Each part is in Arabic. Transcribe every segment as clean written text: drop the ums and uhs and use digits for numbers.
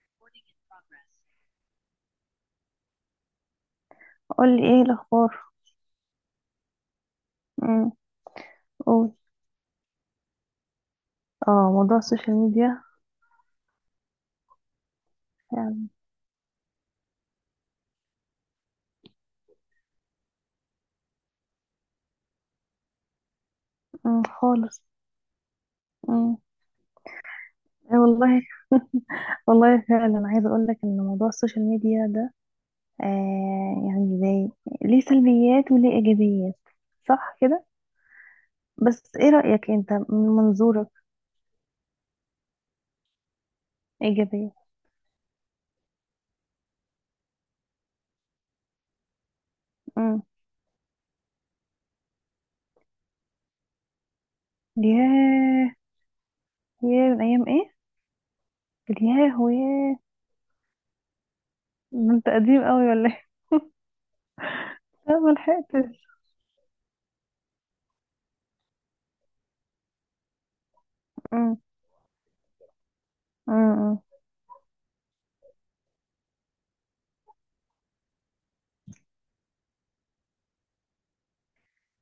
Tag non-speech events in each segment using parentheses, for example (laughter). Recording in progress. قولي ايه الاخبار. امم قول. اه، موضوع السوشيال ميديا. يعني. خالص امم إيه والله. والله فعلا عايزه اقول لك ان موضوع السوشيال ميديا ده يعني زي، ليه سلبيات وليه ايجابيات، صح كده؟ بس ايه رايك انت من منظورك؟ ايجابيه. امم ياه. ياه، من ايام ايه؟ ياه وياه. ده انت قديم قوي ولا ايه؟ (laughs) أنا ملحقتش. امم أمم، أمم.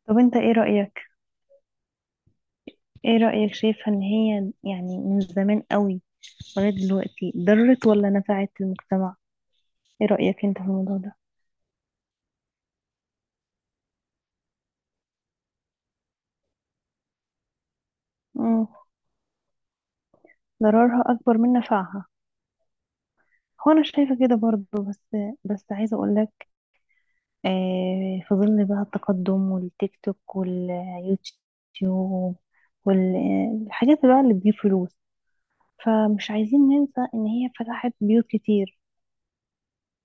طب انت ايه رايك؟ ايه رأيك، شايفة ان هي يعني من زمان قوي لغاية دلوقتي ضرت ولا نفعت المجتمع؟ ايه رأيك انت في الموضوع ده؟ مم. ضررها اكبر من نفعها. هو انا شايفة كده برضو، بس بس عايزة اقولك، في ظل بقى التقدم والتيك توك واليوتيوب والحاجات بقى اللي بتجيب فلوس، فمش عايزين ننسى ان هي فتحت بيوت كتير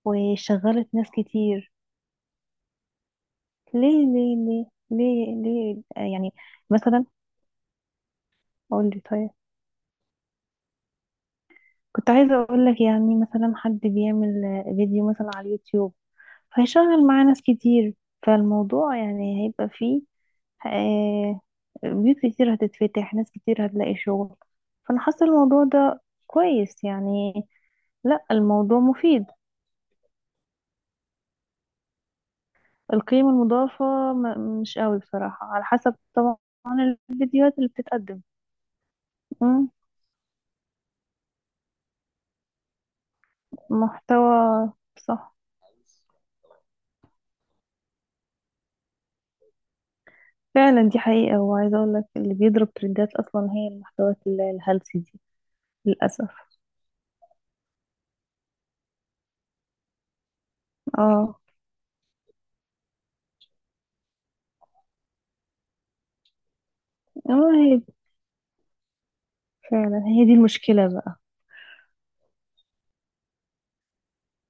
وشغلت ناس كتير. ليه ليه ليه ليه يعني مثلا، قول لي طيب. كنت عايزة اقول لك يعني مثلا حد بيعمل فيديو مثلا على اليوتيوب، فهيشغل معاه ناس كتير، فالموضوع يعني هيبقى فيه آه، بيوت كتير هتتفتح، ناس كتير هتلاقي شغل. فانا حاسة الموضوع ده كويس يعني. لا، الموضوع مفيد. القيمة المضافة مش قوي بصراحة، على حسب طبعا الفيديوهات اللي بتتقدم. مم، محتوى. صح، فعلا دي حقيقة، وعايزة اقول لك اللي بيضرب ترندات اصلا هي المحتويات الهلسي دي، للأسف. اه. اه، هي دي، فعلا هي دي المشكلة بقى.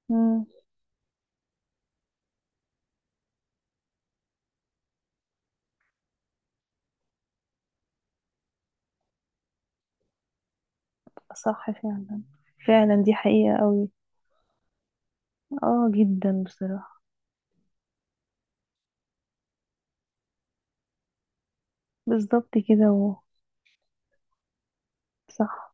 مم. صح فعلا. فعلا دي حقيقة قوي، اه جدا بصراحة. بالظبط كده. و... صح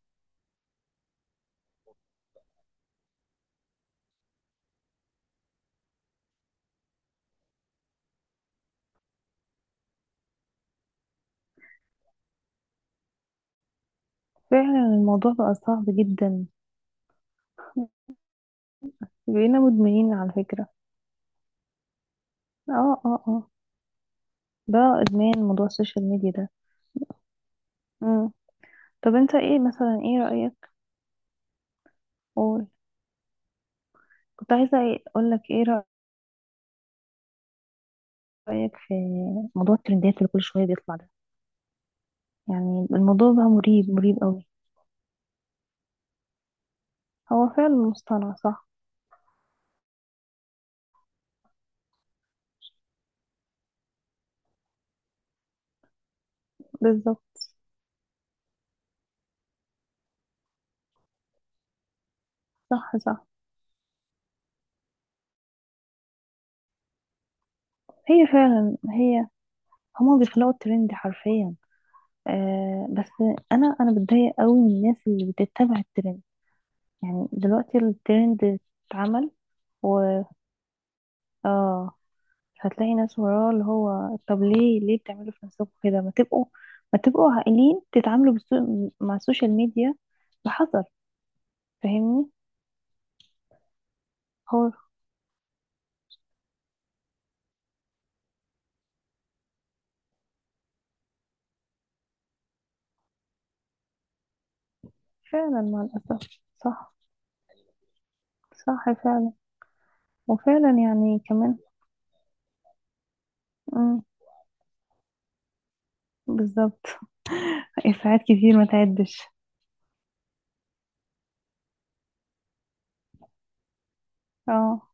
فعلا، الموضوع بقى صعب جدا. بقينا مدمنين على فكرة. اه اه اه، ده ادمان موضوع السوشيال ميديا ده. مم. طب انت ايه مثلا، ايه رأيك؟ قول. كنت عايزة اقول لك ايه رأيك في موضوع الترندات اللي كل شوية بيطلع ده، يعني الموضوع بقى مريب، مريب قوي. هو فعلا مصطنع صح. بالظبط. صح صح. هي فعلا هي، هما بيخلقوا الترند حرفيا. آه بس، انا بتضايق قوي من الناس اللي بتتبع الترند. يعني دلوقتي الترند اتعمل، و اه، هتلاقي ناس وراه، اللي هو طب ليه، ليه بتعملوا في نفسكم كده؟ ما تبقوا، ما تبقوا عاقلين، تتعاملوا مع السوشيال ميديا بحذر. فاهمني؟ هو فعلا مع الأسف. صح. صح فعلا. وفعلا يعني كمان، مم، بالظبط. (laughs) ساعات كتير ما تعدش. اه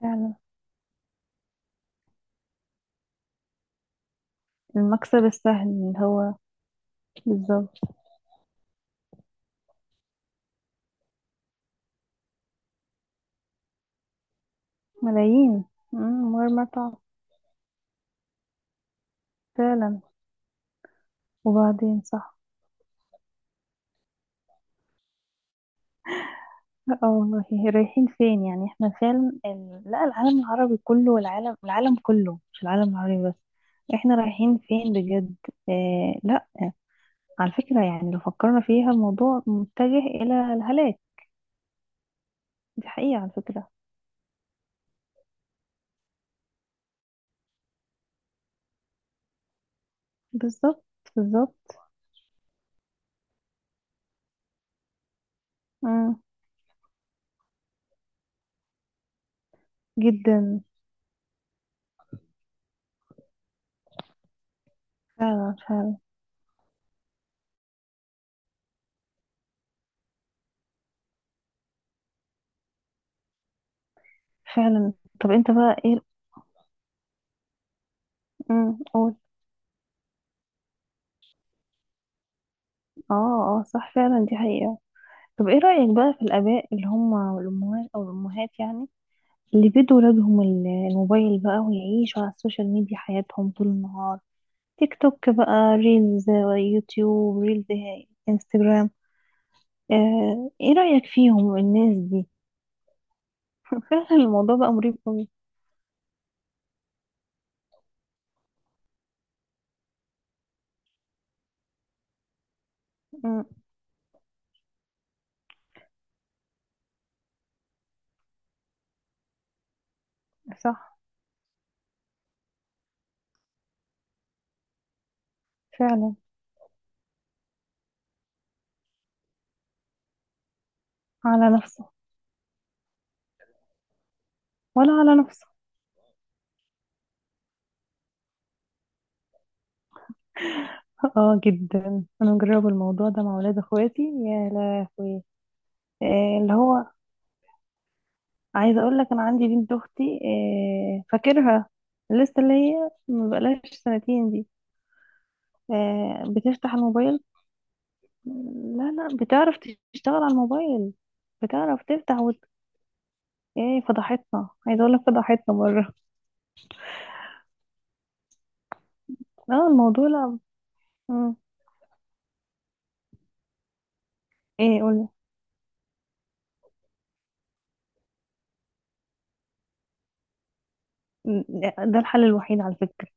فعلا. المكسب السهل اللي هو، بالظبط. ملايين. مم، من غير ما تعرف. فعلا. وبعدين، صح. لا، والله. رايحين فين يعني؟ احنا فعلا ال... لا، العالم العربي كله والعالم، العالم كله مش العالم العربي بس، احنا رايحين فين بجد؟ اه لا، على فكرة، يعني لو فكرنا فيها الموضوع متجه إلى الهلاك. دي حقيقة على فكرة. بالظبط. بالظبط. مم، جدا. فعلا. فعلا فعلا. طب انت بقى ايه؟ قول. اه اه، صح فعلا دي حقيقة. طب ايه رأيك بقى في الآباء اللي هم، والأمهات، أو الأمهات يعني، اللي بيدوا ولادهم الموبايل بقى، ويعيشوا على السوشيال ميديا حياتهم طول النهار. تيك توك بقى، ريلز، يوتيوب، ريلز، انستجرام، آه. ايه رأيك فيهم الناس دي؟ (laughs) فعلا الموضوع بقى مريب قوي. أمم، صح فعلا. على نفسه. ولا على نفسه. (laughs) اه جدا، انا مجربه الموضوع ده مع ولاد اخواتي يا لهوي. اللي هو، عايزه اقول لك انا عندي بنت اختي، فاكرها، لسه اللي هي ما بقالهاش سنتين دي، بتفتح الموبايل. لا لا، بتعرف تشتغل على الموبايل، بتعرف تفتح وت... ايه فضحتنا، عايزه اقول لك فضحتنا مره. اه، الموضوع لا. مم. ايه؟ قول. ده الحل الوحيد على فكره.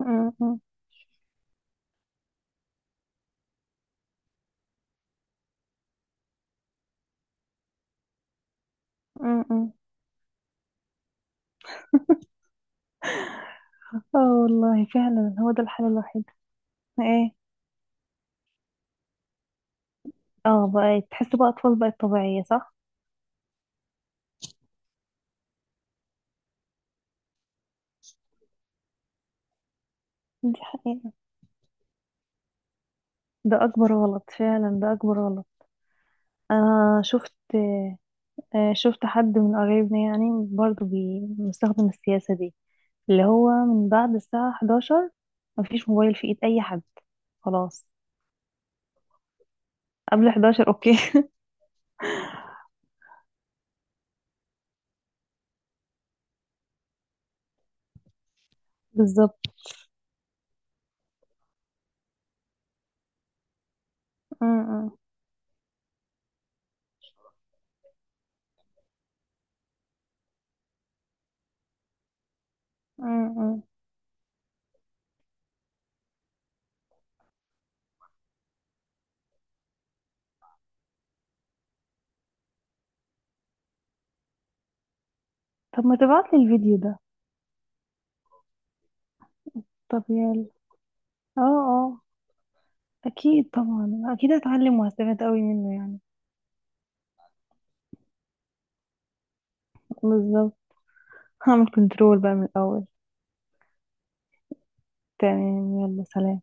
مم، مم، مم، مم. اه والله فعلا هو ده الحل الوحيد. ايه؟ اه بقى تحس بقى اطفال بقت طبيعيه، صح. دي حقيقه. ده اكبر غلط، فعلا ده اكبر غلط. انا شفت، شفت حد من قرايبنا يعني برضو مستخدم السياسة دي، اللي هو من بعد الساعة 11 مفيش موبايل في ايد اي حد، خلاص. قبل 11 اوكي. (laughs) بالظبط. م- م- م- م. طب ما تبعتلي الفيديو ده. طب يلا. اه اه، اكيد طبعا، اكيد هتعلم وهستفاد قوي منه يعني. بالظبط، هعمل كنترول بقى من الاول. تمام، يلا سلام.